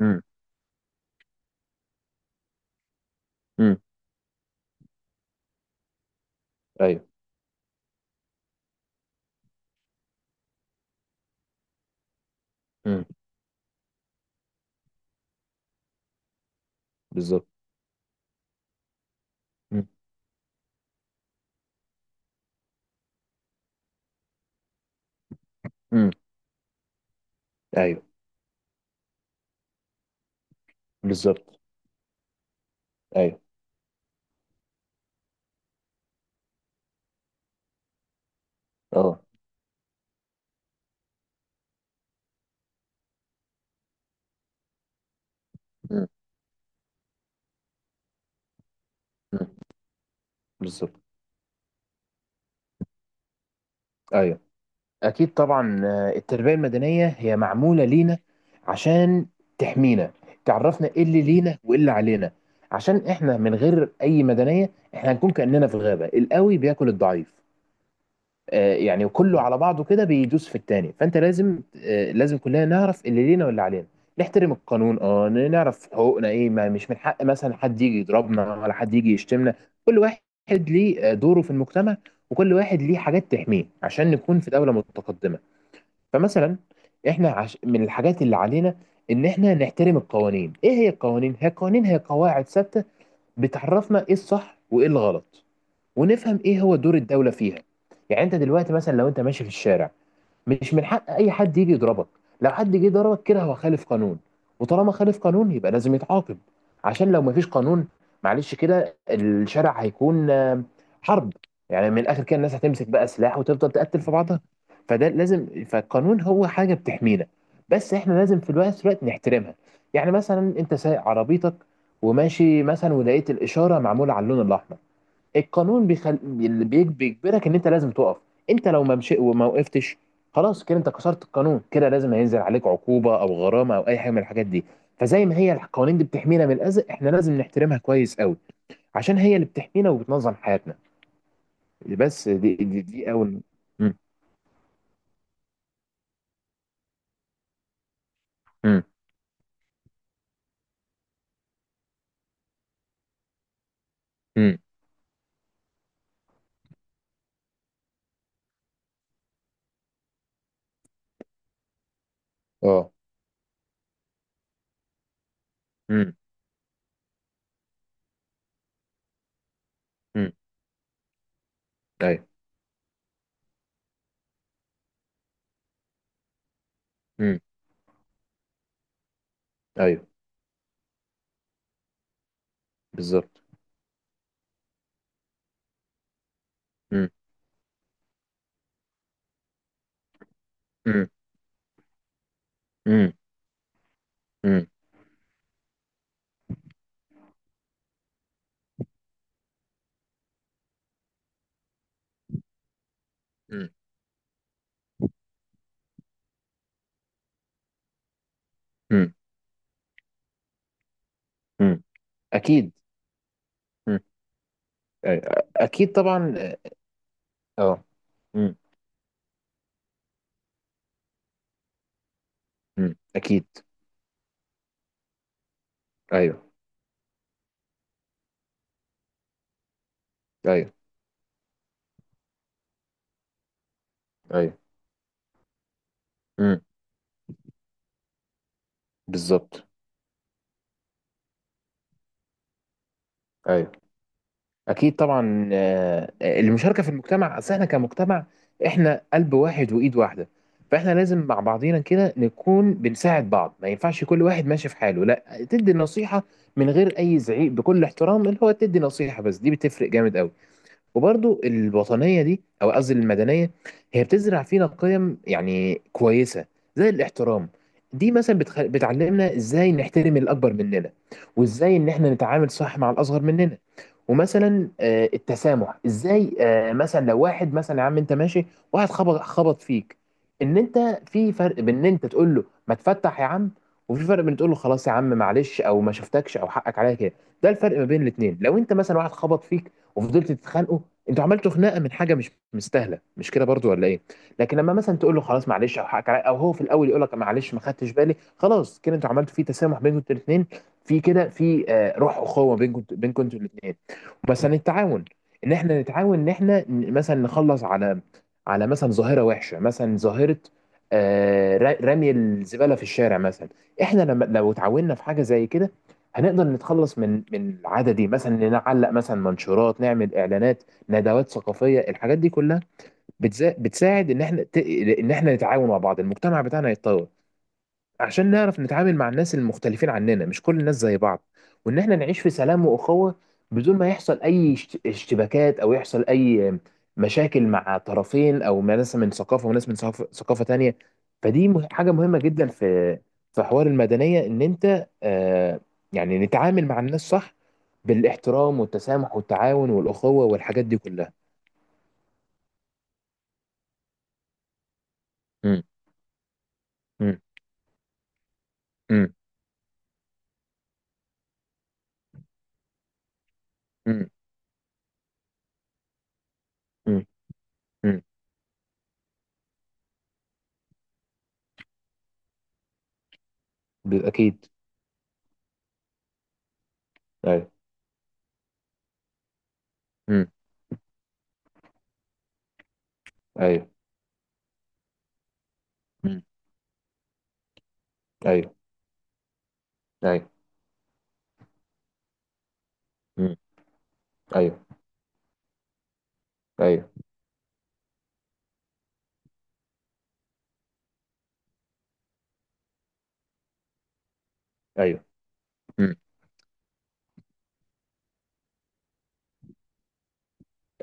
امم. امم. ايوه. امم. بالظبط. امم. امم. ايوه. بالظبط. ايوه. اه. امم. امم. بالظبط. ايوه. اكيد طبعا. التربيه المدنيه هي معموله لينا عشان تحمينا، تعرفنا ايه اللي لينا وايه اللي علينا. عشان احنا من غير اي مدنيه احنا هنكون كاننا في غابه، القوي بياكل الضعيف. يعني وكله على بعضه كده بيدوس في التاني، فانت لازم لازم كلنا نعرف اللي لينا واللي علينا، نحترم القانون، نعرف حقوقنا ايه، ما مش من حق مثلا حد يجي يضربنا ولا حد يجي يشتمنا. كل واحد ليه دوره في المجتمع، وكل واحد ليه حاجات تحميه عشان نكون في دولة متقدمة. فمثلا احنا من الحاجات اللي علينا ان احنا نحترم القوانين. ايه هي القوانين؟ هي قواعد ثابتة بتعرفنا ايه الصح وايه الغلط، ونفهم ايه هو دور الدوله فيها. يعني انت دلوقتي مثلا لو انت ماشي في الشارع، مش من حق اي حد يجي يضربك، لو حد جه ضربك كده هو خالف قانون، وطالما خالف قانون يبقى لازم يتعاقب. عشان لو مفيش قانون، معلش كده الشارع هيكون حرب، يعني من الاخر كده الناس هتمسك بقى سلاح وتفضل تقتل في بعضها. فده لازم، فالقانون هو حاجه بتحمينا، بس احنا لازم في الوقت نحترمها. يعني مثلا انت سايق عربيتك وماشي مثلا ولقيت الاشاره معموله على اللون الاحمر، القانون بيجبرك ان انت لازم تقف. انت لو ما مشي وما وقفتش، خلاص كده انت كسرت القانون، كده لازم هينزل عليك عقوبة او غرامة او اي حاجة من الحاجات دي. فزي ما هي القوانين دي بتحمينا من الاذى، احنا لازم نحترمها كويس قوي، عشان هي اللي بتحمينا وبتنظم حياتنا. بس دي اول. مم. مم. مم. اه. مم. مم. ايوه. مم. ايوه. بالظبط. مم. مم. مم. مم. مم. مم. اكيد. مم. أيوة. اكيد طبعا. اه. مم. اكيد. ايوه. ايوه. ايوه. مم. بالظبط. ايوه. اكيد طبعا. المشاركه في المجتمع، اصل احنا كمجتمع احنا قلب واحد وايد واحده، فاحنا لازم مع بعضينا كده نكون بنساعد بعض، ما ينفعش كل واحد ماشي في حاله، لا تدي نصيحه من غير اي زعيق بكل احترام، اللي هو تدي نصيحه بس دي بتفرق جامد قوي. وبرضو الوطنية دي، أو قصدي المدنية، هي بتزرع فينا قيم يعني كويسة، زي الاحترام. دي مثلا بتعلمنا ازاي نحترم الأكبر مننا، وازاي إن احنا نتعامل صح مع الأصغر مننا. ومثلا التسامح، ازاي مثلا لو واحد مثلا يا عم انت ماشي، واحد خبط خبط فيك، ان انت في فرق بين ان انت تقول له ما تفتح يا عم، وفي فرق بين تقول له خلاص يا عم معلش او ما شفتكش او حقك عليا كده. ده الفرق ما بين الاثنين. لو انت مثلا واحد خبط فيك وفضلت تتخانقوا، انتوا عملتوا خناقه من حاجه مش مستاهله، مش كده برضو ولا ايه؟ لكن لما مثلا تقول له خلاص معلش او حقك عليا، او هو في الاول يقول لك معلش ما خدتش بالي، خلاص كده انتوا عملتوا في تسامح بينكم انتوا الاثنين، في كده في روح اخوه بينكم بينكم انتوا الاثنين. مثلا التعاون، ان احنا نتعاون، ان احنا مثلا نخلص على مثلا ظاهره وحشه، مثلا ظاهره رمي الزباله في الشارع مثلا. احنا لما لو اتعاوننا في حاجه زي كده هنقدر نتخلص من العاده دي. مثلا نعلق مثلا منشورات، نعمل اعلانات، ندوات ثقافيه، الحاجات دي كلها بتساعد ان احنا ان احنا نتعاون مع بعض، المجتمع بتاعنا يتطور، عشان نعرف نتعامل مع الناس المختلفين عننا، مش كل الناس زي بعض، وان احنا نعيش في سلام واخوه بدون ما يحصل اي اشتباكات او يحصل اي مشاكل مع طرفين، او مع ناس من ثقافه وناس من ثقافه تانيه. فدي حاجه مهمه جدا في في حوار المدنيه، ان انت يعني نتعامل مع الناس صح، بالاحترام والتسامح والتعاون والاخوه والحاجات دي كلها. مم. مم. مم. مم. مم. بالأكيد. أيوه. مم. أيوه. مم. أيوه. أيوه. مم. أيوه. أيوه. أيوه. مم.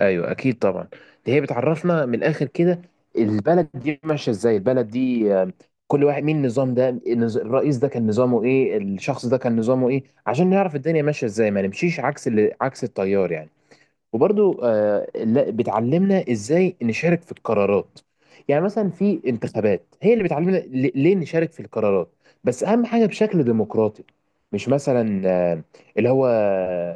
أيوه. أكيد طبعا. دي هي بتعرفنا من الآخر كده البلد دي ماشية إزاي. البلد دي آم، كل واحد، مين النظام ده، الرئيس ده كان نظامه إيه، الشخص ده كان نظامه إيه، عشان نعرف الدنيا ماشية إزاي، ما نمشيش عكس التيار يعني. وبرضو بتعلمنا ازاي نشارك في القرارات. يعني مثلا في انتخابات، هي اللي بتعلمنا ليه نشارك في القرارات، بس اهم حاجه بشكل ديمقراطي، مش مثلا اللي هو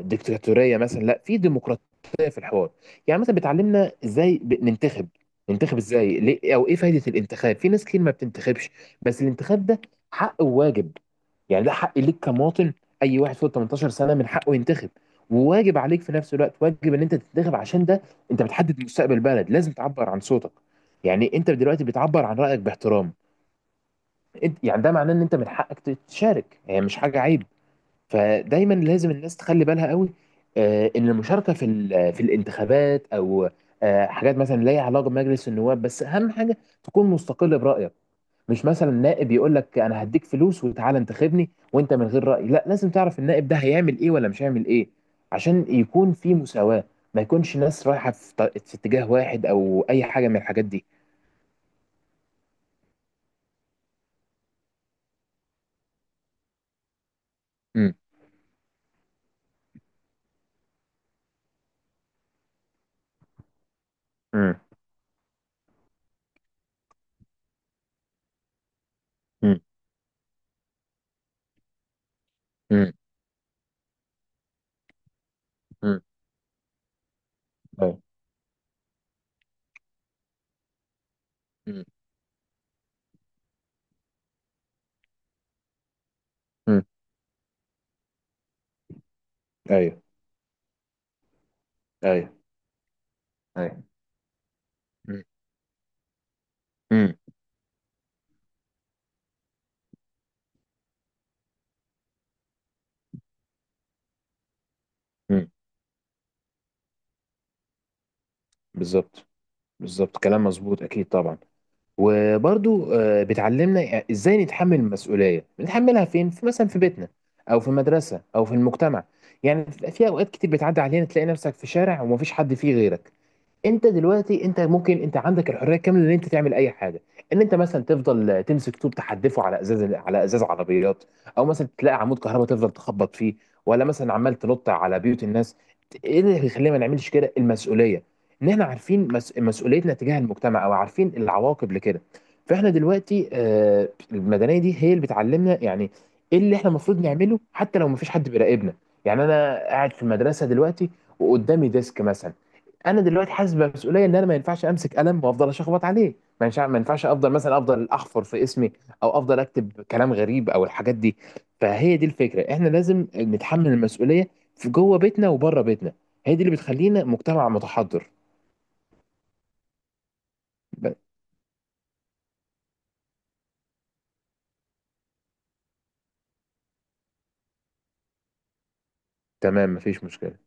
ديكتاتوريه مثلا، لا في ديمقراطيه، في الحوار. يعني مثلا بتعلمنا ازاي ننتخب ازاي ليه، او ايه فايده الانتخاب، في ناس كتير ما بتنتخبش، بس الانتخاب ده حق وواجب، يعني ده حق ليك كمواطن، اي واحد فوق 18 سنه من حقه ينتخب، وواجب عليك في نفس الوقت، واجب ان انت تتدخل عشان ده انت بتحدد مستقبل البلد، لازم تعبر عن صوتك. يعني انت دلوقتي بتعبر عن رايك باحترام، انت يعني ده معناه ان انت من حقك تشارك، هي مش حاجه عيب. فدايما لازم الناس تخلي بالها قوي، ان المشاركه في في الانتخابات، او حاجات مثلا لا ليها علاقه بمجلس النواب، بس اهم حاجه تكون مستقل برايك، مش مثلا نائب يقول لك انا هديك فلوس وتعالى انتخبني وانت من غير رأي، لا لازم تعرف النائب ده هيعمل ايه ولا مش هيعمل ايه، عشان يكون في مساواة، ما يكونش ناس رايحة في اتجاه واحد او اي حاجة من الحاجات دي. امم. امم. امم. امم. امم. ايوه. امم. امم. ايوه. ايوه. ايوه. امم. امم. أمم. بالظبط. بالظبط. كلام مظبوط، اكيد طبعا. وبرضو بتعلمنا ازاي نتحمل المسؤوليه، بنتحملها فين؟ في مثلا في بيتنا او في المدرسه او في المجتمع. يعني بتبقى في اوقات كتير بتعدي علينا تلاقي نفسك في شارع ومفيش حد فيه غيرك، انت دلوقتي انت ممكن انت عندك الحريه الكامله ان انت تعمل اي حاجه، ان انت مثلا تفضل تمسك طوب تحدفه على ازاز، على ازاز عربيات، او مثلا تلاقي عمود كهرباء تفضل تخبط فيه، ولا مثلا عمال تنط على بيوت الناس. ايه اللي يخلينا ما نعملش كده؟ المسؤوليه، ان احنا عارفين مسؤوليتنا تجاه المجتمع، او عارفين العواقب لكده. فاحنا دلوقتي المدنيه دي هي اللي بتعلمنا يعني ايه اللي احنا المفروض نعمله حتى لو ما فيش حد بيراقبنا. يعني انا قاعد في المدرسه دلوقتي وقدامي ديسك مثلا، انا دلوقتي حاسس بمسؤوليه ان انا ما ينفعش امسك قلم وافضل اشخبط عليه، ما ينفعش افضل احفر في اسمي، او افضل اكتب كلام غريب او الحاجات دي. فهي دي الفكره، احنا لازم نتحمل المسؤوليه في جوه بيتنا وبره بيتنا، هي دي اللي بتخلينا مجتمع متحضر. ب- تمام، مفيش مشكله.